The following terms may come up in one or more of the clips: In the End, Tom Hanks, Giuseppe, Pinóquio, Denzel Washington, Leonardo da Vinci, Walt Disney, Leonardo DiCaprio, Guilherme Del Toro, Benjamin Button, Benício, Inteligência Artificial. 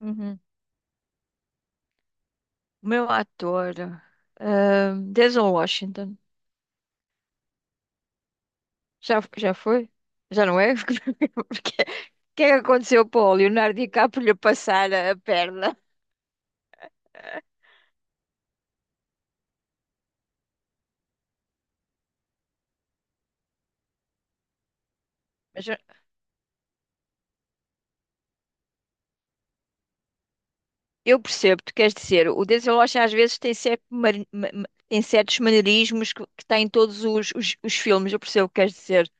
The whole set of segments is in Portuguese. Uhum. Meu ator. Denzel Washington. Já foi? Já não é? Porque o que é que aconteceu para o Leonardo DiCaprio lhe passar a perna? Mas eu percebo, tu queres dizer, o Denzel Washington às vezes tem, certo mari- ma- ma- tem certos maneirismos que está em todos os filmes, eu percebo o que queres dizer.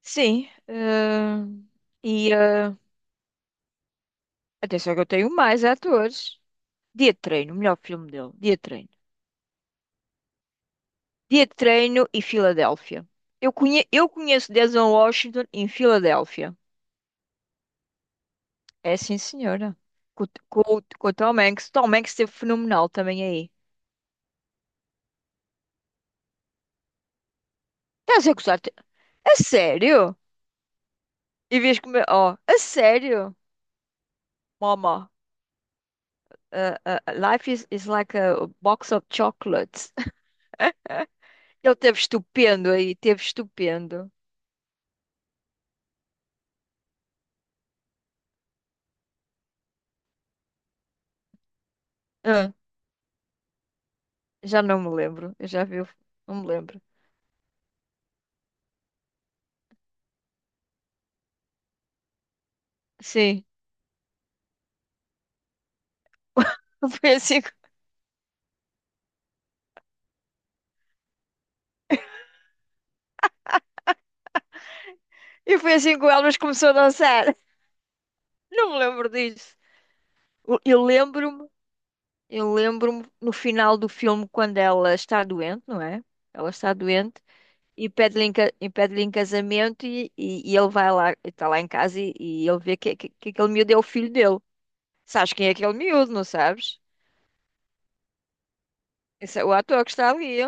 Sim. E atenção que eu tenho mais atores. Dia de Treino, o melhor filme dele. Dia de Treino. Dia de Treino e Filadélfia. Eu conheço Denzel Washington em Filadélfia. É, sim, senhora. Com o Tom Hanks. Tom Hanks esteve fenomenal também aí. Estás a acusar? A sério? E vês como. Oh, a sério? Mama, life is like a box of chocolates. Ele teve estupendo aí, teve estupendo. Ah, já não me lembro. Eu já vi. Não me lembro. Sim, foi assim, e foi assim que o Elvis começou a dançar. Não me lembro disso. Eu eu lembro-me, eu lembro-me no final do filme quando ela está doente, não é? Ela está doente e pede-lhe em casamento, e ele vai lá, está lá em casa e ele vê que aquele miúdo é o filho dele. Sabes quem é aquele miúdo, não sabes? Esse é o ator que está ali.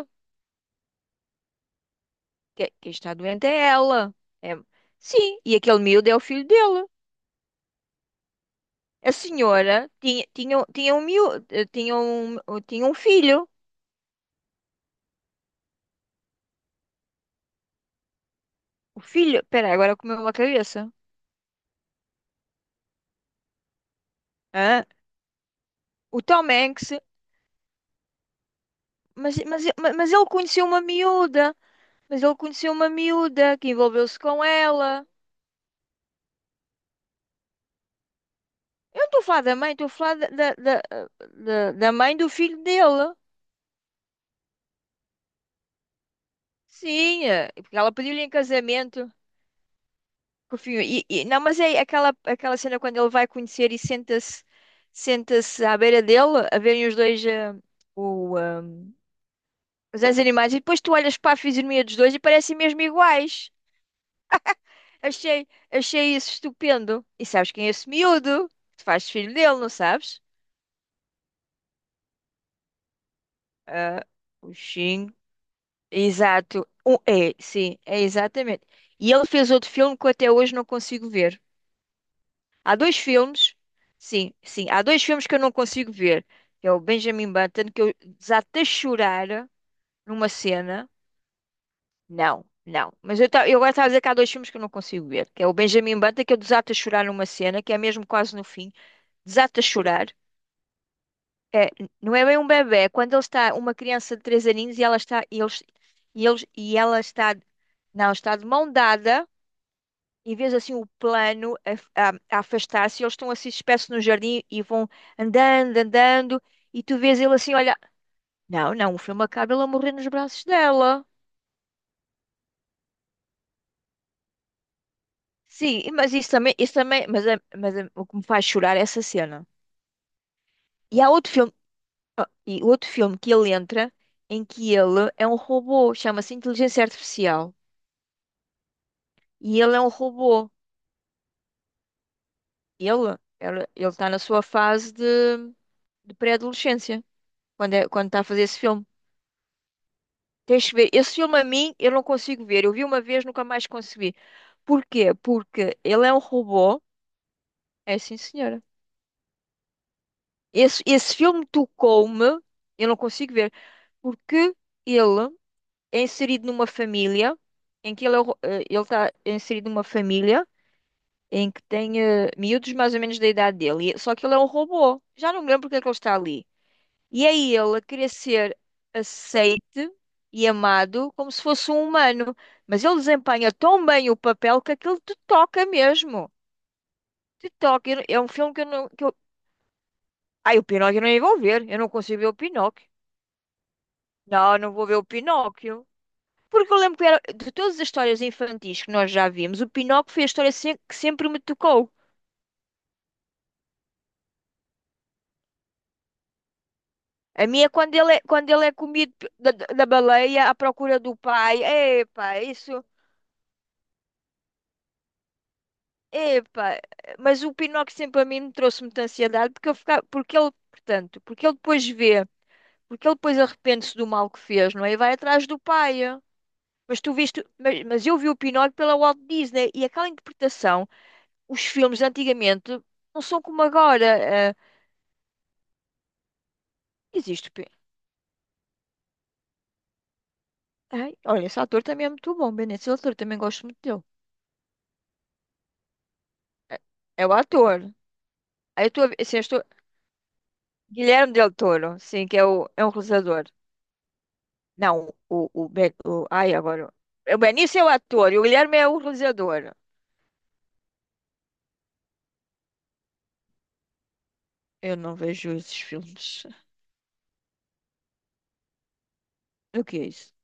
Quem está doente é ela. É- Sim, e aquele miúdo é o filho dele. A senhora tinha um miúdo, tinha um, tinha um filho. O filho, espera, agora comeu uma cabeça. Hã? O Tom Hanks. Mas ele conheceu uma miúda. Mas ele conheceu uma miúda que envolveu-se com ela. Eu não estou a falar da mãe, estou a falar da, da, da mãe do filho dele. Sim, porque ela pediu-lhe em casamento. Que o filho- E, e- não, mas é aquela cena quando ele vai conhecer e senta-se à beira dele, a verem os dois, o, eh, os dois animais. E depois tu olhas para a fisionomia dos dois e parecem mesmo iguais. Achei isso estupendo. E sabes quem é esse miúdo? Tu fazes filho dele, não sabes? Ah, o Xing. Exato. É, sim, é exatamente. E ele fez outro filme que eu até hoje não consigo ver. Há dois filmes, sim, sim, há dois filmes que eu não consigo ver. É o Benjamin Button, que eu desatei a chorar numa cena. Não, não. Mas eu agora estava a dizer que há dois filmes que eu não consigo ver. Que é o Benjamin Button, que eu desato a chorar numa cena, que é mesmo quase no fim. Desato a chorar. É, não é bem um bebê, é quando ele está, uma criança de 3 aninhos e ela está, e ela está, não, está de mão dada, e vês assim o plano a afastar-se, e eles estão assim espécie no jardim e vão andando, andando, e tu vês ele assim, olha, não, não, o filme acaba ele a morrer nos braços dela. Sim, mas isso também, mas, o que me faz chorar é essa cena. E há outro filme. Outro filme que ele entra em que ele é um robô, chama-se Inteligência Artificial. E ele é um robô. Ele, ele está na sua fase de pré-adolescência, quando está a fazer esse filme. Tens que ver. Esse filme a mim, eu não consigo ver. Eu vi uma vez, nunca mais consegui. Porquê? Porque ele é um robô. É, sim, senhora. Esse filme tocou-me. Eu não consigo ver, porque ele é inserido numa família em que ele está inserido numa família em que tem miúdos mais ou menos da idade dele, só que ele é um robô. Já não me lembro porque é que ele está ali. E é ele a querer ser aceite e amado como se fosse um humano. Mas ele desempenha tão bem o papel que aquilo te toca mesmo. Te toca. É um filme que eu não. Que eu... Ai, o Pinóquio eu nem vou ver. Eu não consigo ver o Pinóquio. Não, não vou ver o Pinóquio. Porque eu lembro que era, de todas as histórias infantis que nós já vimos, o Pinóquio foi a história que sempre me tocou. A minha, é quando ele é, quando ele é comido, da baleia, à procura do pai. Epá, isso. Epá, mas o Pinóquio sempre a mim me trouxe muita ansiedade porque, eu ficava, porque ele, portanto, porque ele depois arrepende-se do mal que fez, não é? E vai atrás do pai. Mas tu viste, mas eu vi o Pinóquio pela Walt Disney e aquela interpretação, os filmes antigamente não são como agora. Existe. Ai, olha, esse ator também é muito bom, Benito. Esse ator também gosto muito dele. É, é o ator. Aí eu estou a ver- assim, eu estou- Guilherme Del Toro, sim, que é, é um realizador. Não, ai, agora. O Benício é o ator e o Guilherme é o realizador. Eu não vejo esses filmes. O que é isso?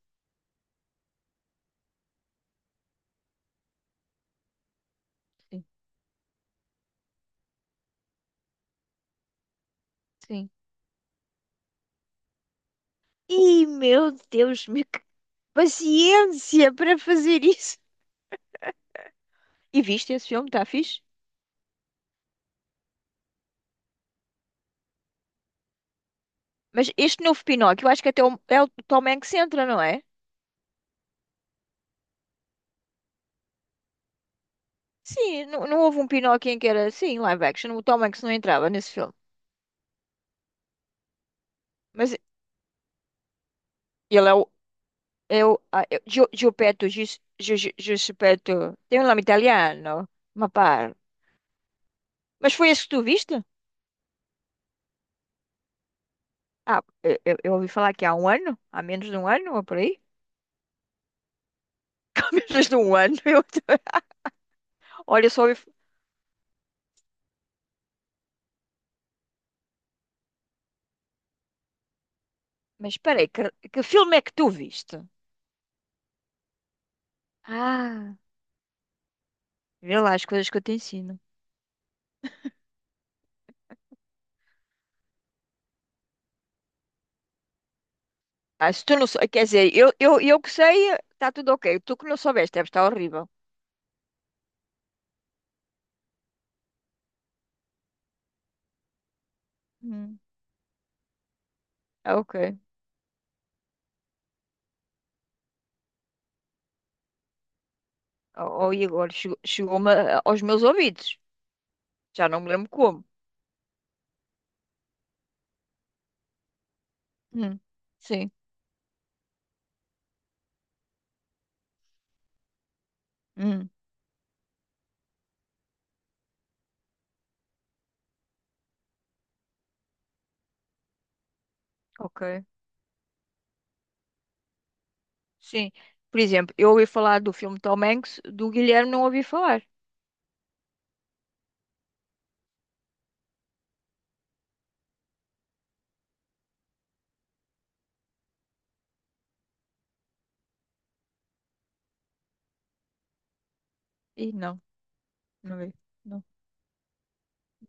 Sim. Sim. Ih, meu Deus, que paciência para fazer isso. E viste esse filme, está fixe? Mas este novo Pinóquio, eu acho que é o Tom Hanks entra, não é? Sim, não, não houve um Pinóquio em que era assim, live action. O Tom Hanks não entrava nesse filme. Mas ele é o. É o Gio- Giuseppe, Gis- Gi- Gi- Giuseppe, tem um nome italiano, ma parla. Mas foi esse que tu viste? Ah, eu ouvi falar que há um ano, há menos de um ano, ou por aí. Há menos de um ano. Eu... Olha, eu só ouvi... Mas espera aí, que filme é que tu viste? Ah, vê lá as coisas que eu te ensino. Ah, se tu não sou... Quer dizer, eu que sei, está tudo ok. Tu que não soubeste, deve estar horrível. Hum. Ah, ok. Oh, oh, e agora chegou-me aos meus ouvidos. Já não me lembro como. Hum. Sim. Hum. Ok. Sim. Por exemplo, eu ouvi falar do filme Tom Hanks, do Guilherme não ouvi falar. Ih, não, não vi. Não,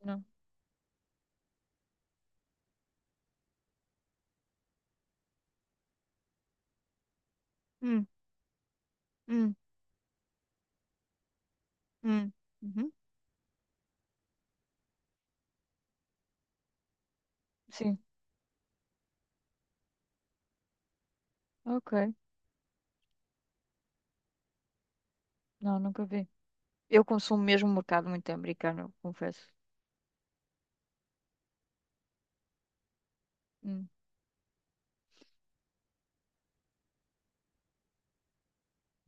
não. Hum, hum, hum. Uhum. Sim, ok. Não, nunca vi. Eu consumo mesmo o mercado muito americano, eu confesso. Hum,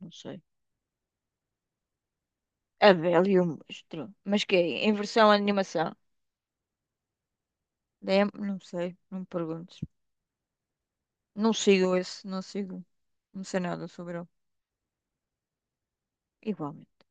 não sei. A Bela e o Monstro. Mas que é? Em versão animação? Não sei, não me perguntes. Não sigo esse, não sigo. Não sei nada sobre ele. Igualmente.